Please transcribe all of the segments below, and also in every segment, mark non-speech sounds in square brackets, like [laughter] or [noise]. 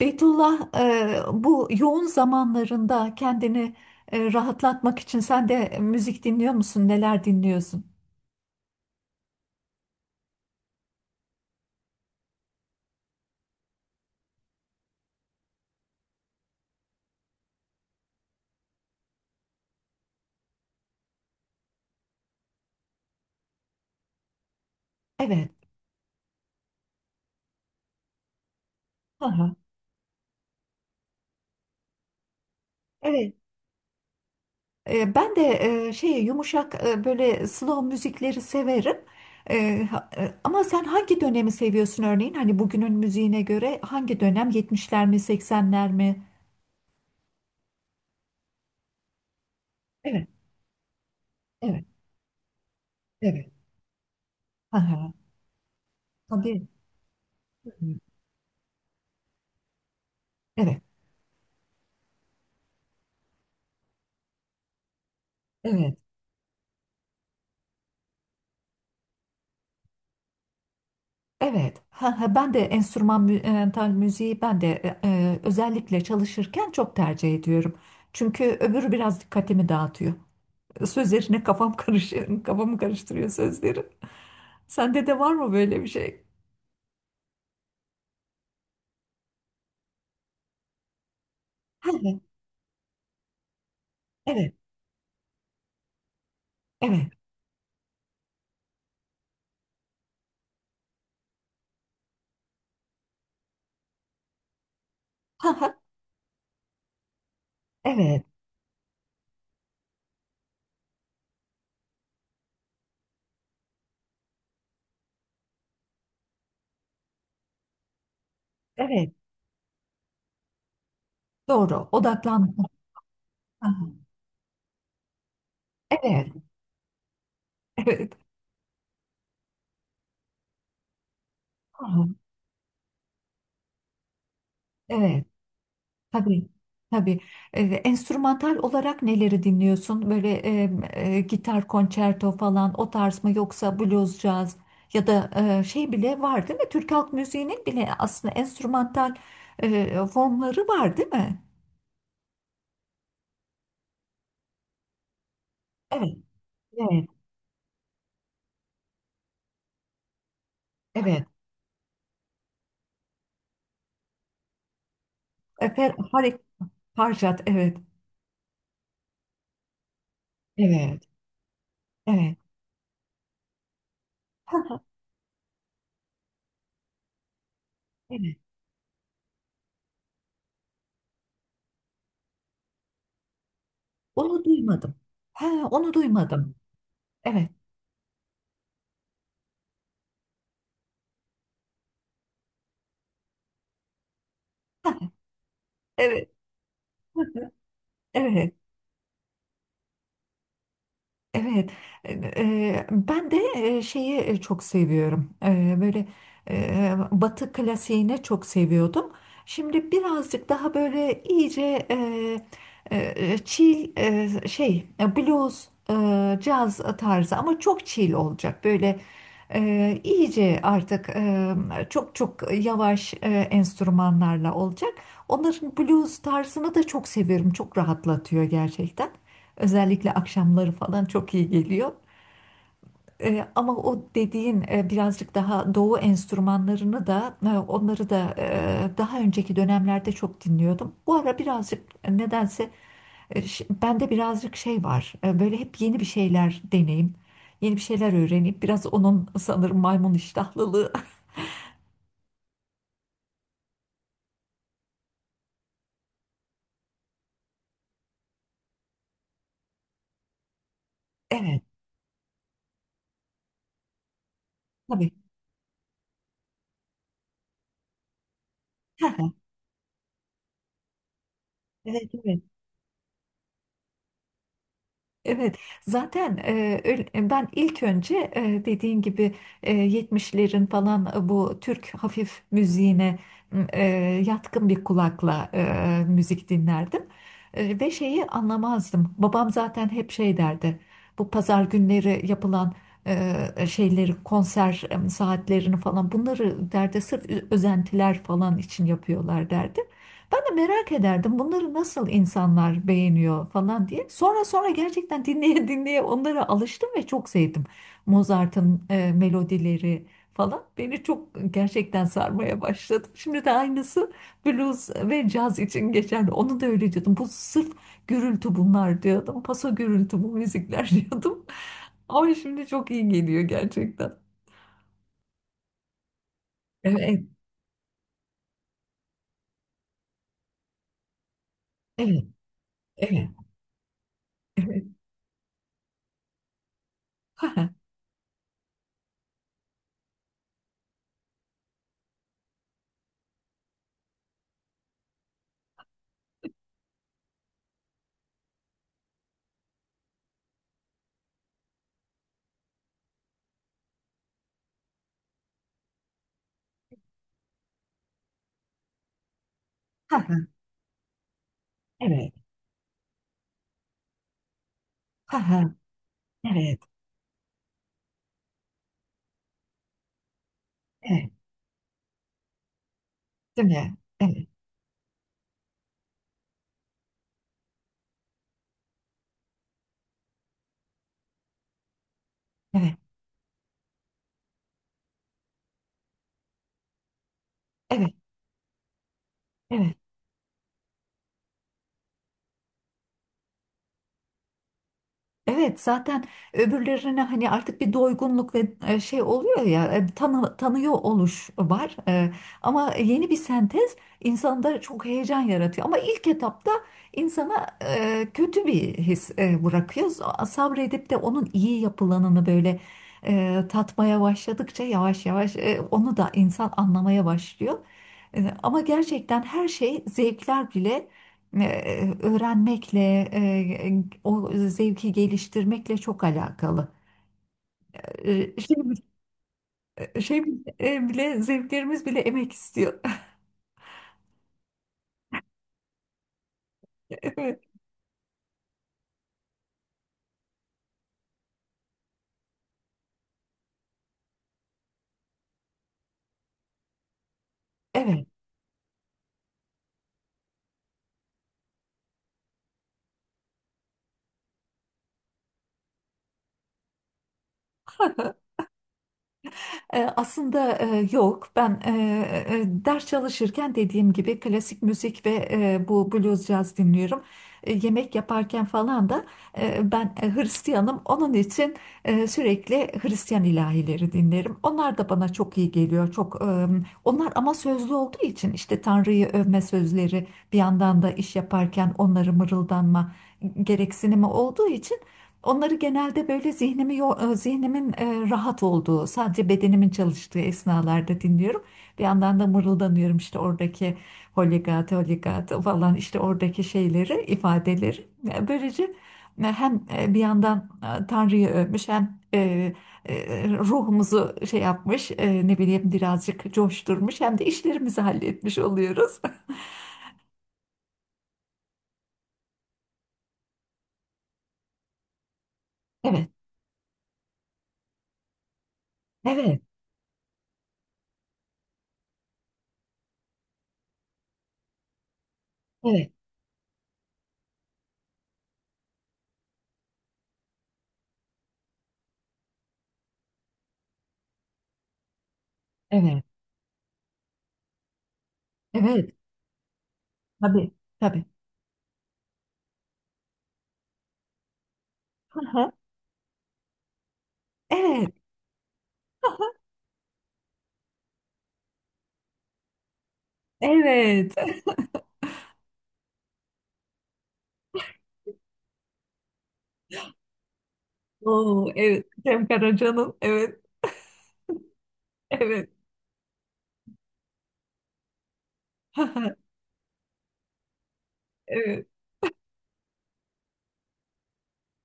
Beytullah, bu yoğun zamanlarında kendini rahatlatmak için sen de müzik dinliyor musun? Neler dinliyorsun? Evet. Aha. Evet. Ben de yumuşak böyle slow müzikleri severim. Ama sen hangi dönemi seviyorsun örneğin? Hani bugünün müziğine göre hangi dönem? 70'ler mi, Seksenler mi? Evet, evet, evet. Aha. Tabii. Evet, evet. Evet, ha, ha, ben de enstrümantal müziği ben de özellikle çalışırken çok tercih ediyorum. Çünkü öbürü biraz dikkatimi dağıtıyor. Sözlerine kafam karış, [laughs] kafamı karıştırıyor sözleri. Sende de var mı böyle bir şey? Evet, evet, evet. Ha, ha, evet, evet. Doğru, odaklan. Ha, ha. Evet, evet. Ha, ha, evet. Tabii, tabii. Enstrümantal olarak neleri dinliyorsun? Gitar konçerto falan o tarz mı, yoksa blues, caz, ya da bile var değil mi? Türk halk müziğinin bile aslında enstrümantal formları var değil mi? Evet, evet, evet. E, Fer, Farid Farjat, evet. Evet. Evet. Ha, ha, evet. Onu duymadım. Ha, onu duymadım. Evet. Ha, evet. [laughs] Evet. Evet, ben de çok seviyorum. Böyle Batı klasiğini çok seviyordum. Şimdi birazcık daha böyle iyice e, chill, blues, caz tarzı ama çok chill olacak. Böyle iyice artık, çok çok yavaş enstrümanlarla olacak. Onların blues tarzını da çok seviyorum. Çok rahatlatıyor gerçekten. Özellikle akşamları falan çok iyi geliyor. Ama o dediğin birazcık daha doğu enstrümanlarını da, onları da daha önceki dönemlerde çok dinliyordum. Bu ara birazcık, nedense, bende birazcık şey var. Böyle hep yeni bir şeyler deneyim, yeni bir şeyler öğreneyim. Biraz onun sanırım maymun iştahlılığı. [laughs] Evet, tabii. [laughs] Evet, evet. Evet, zaten, öyle- ben ilk önce, dediğin gibi, 70'lerin falan, bu Türk hafif müziğine m, e, yatkın bir kulakla müzik dinlerdim. Ve şeyi anlamazdım. Babam zaten hep şey derdi. Bu pazar günleri yapılan şeyleri, konser saatlerini falan bunları derdi, sırf özentiler falan için yapıyorlar derdi. Ben de merak ederdim bunları nasıl insanlar beğeniyor falan diye. Sonra sonra gerçekten dinleye [laughs] dinleye onlara alıştım ve çok sevdim. Mozart'ın melodileri falan beni çok gerçekten sarmaya başladı. Şimdi de aynısı blues ve caz için geçerli. Onu da öyle diyordum. Bu sırf gürültü bunlar diyordum. Paso gürültü bu müzikler [laughs] diyordum. Ama şimdi çok iyi geliyor gerçekten. Evet, evet, evet. Evet. Ha ha. Ha ha, evet. Ha ha, evet, evet. Değil mi? Evet, evet, evet, evet. Evet, zaten öbürlerine hani artık bir doygunluk ve şey oluyor ya, tanıyor oluş var. Ama yeni bir sentez insanda çok heyecan yaratıyor. Ama ilk etapta insana kötü bir his bırakıyor. Sabredip de onun iyi yapılanını böyle tatmaya başladıkça yavaş yavaş onu da insan anlamaya başlıyor. Ama gerçekten her şey, zevkler bile öğrenmekle, e, o zevki geliştirmekle çok alakalı. E, Şey, Zevklerimiz bile emek istiyor. [laughs] Evet. Aslında, yok. Ben, ders çalışırken dediğim gibi klasik müzik ve bu blues caz dinliyorum. Yemek yaparken falan da ben Hristiyanım. Onun için sürekli Hristiyan ilahileri dinlerim. Onlar da bana çok iyi geliyor. Çok, onlar ama sözlü olduğu için, işte Tanrı'yı övme sözleri bir yandan da iş yaparken onları mırıldanma gereksinimi olduğu için, onları genelde böyle zihnimin rahat olduğu, sadece bedenimin çalıştığı esnalarda dinliyorum. Bir yandan da mırıldanıyorum işte oradaki holigata holigata falan, işte oradaki şeyleri, ifadeleri. Böylece hem bir yandan Tanrı'yı övmüş, hem ruhumuzu şey yapmış, ne bileyim birazcık coşturmuş, hem de işlerimizi halletmiş oluyoruz. [laughs] Evet, evet, evet, evet, evet. Tabii, tabii. Hı hı. Evet. Evet. Oo, evet. Cem Karaca'nın, evet. Evet. [laughs] Evet.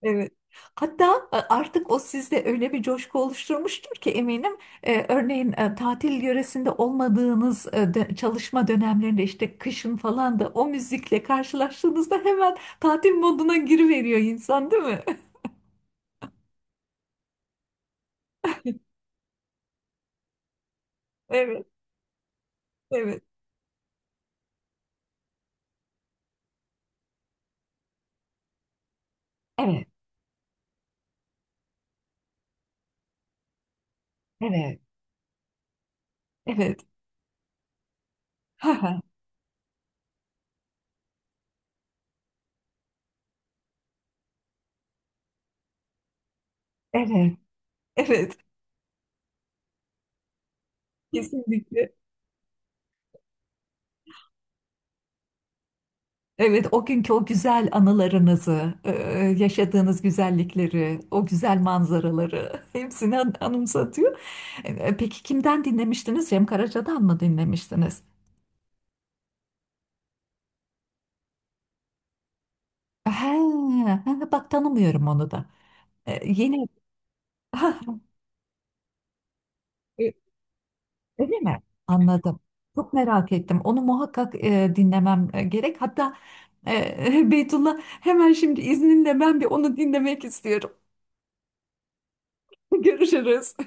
Evet. Hatta artık o sizde öyle bir coşku oluşturmuştur ki eminim. Örneğin tatil yöresinde olmadığınız, çalışma dönemlerinde, işte kışın falan da o müzikle karşılaştığınızda hemen tatil moduna giriveriyor insan, değil mi? [laughs] Evet. Evet. Evet. Evet. Evet. [laughs] Evet. Evet. Kesinlikle. Evet, o günkü o güzel anılarınızı, yaşadığınız güzellikleri, o güzel manzaraları [laughs] anımsatıyor. Peki kimden dinlemiştiniz? Cem Karaca'dan mı dinlemiştiniz? He, he, bak tanımıyorum onu da. Yeni, [laughs] ha, e, öyle mi? Anladım. Çok merak ettim. Onu muhakkak dinlemem gerek. Hatta [laughs] Beytullah, hemen şimdi izninle ben bir onu dinlemek istiyorum. [laughs] Görüşürüz.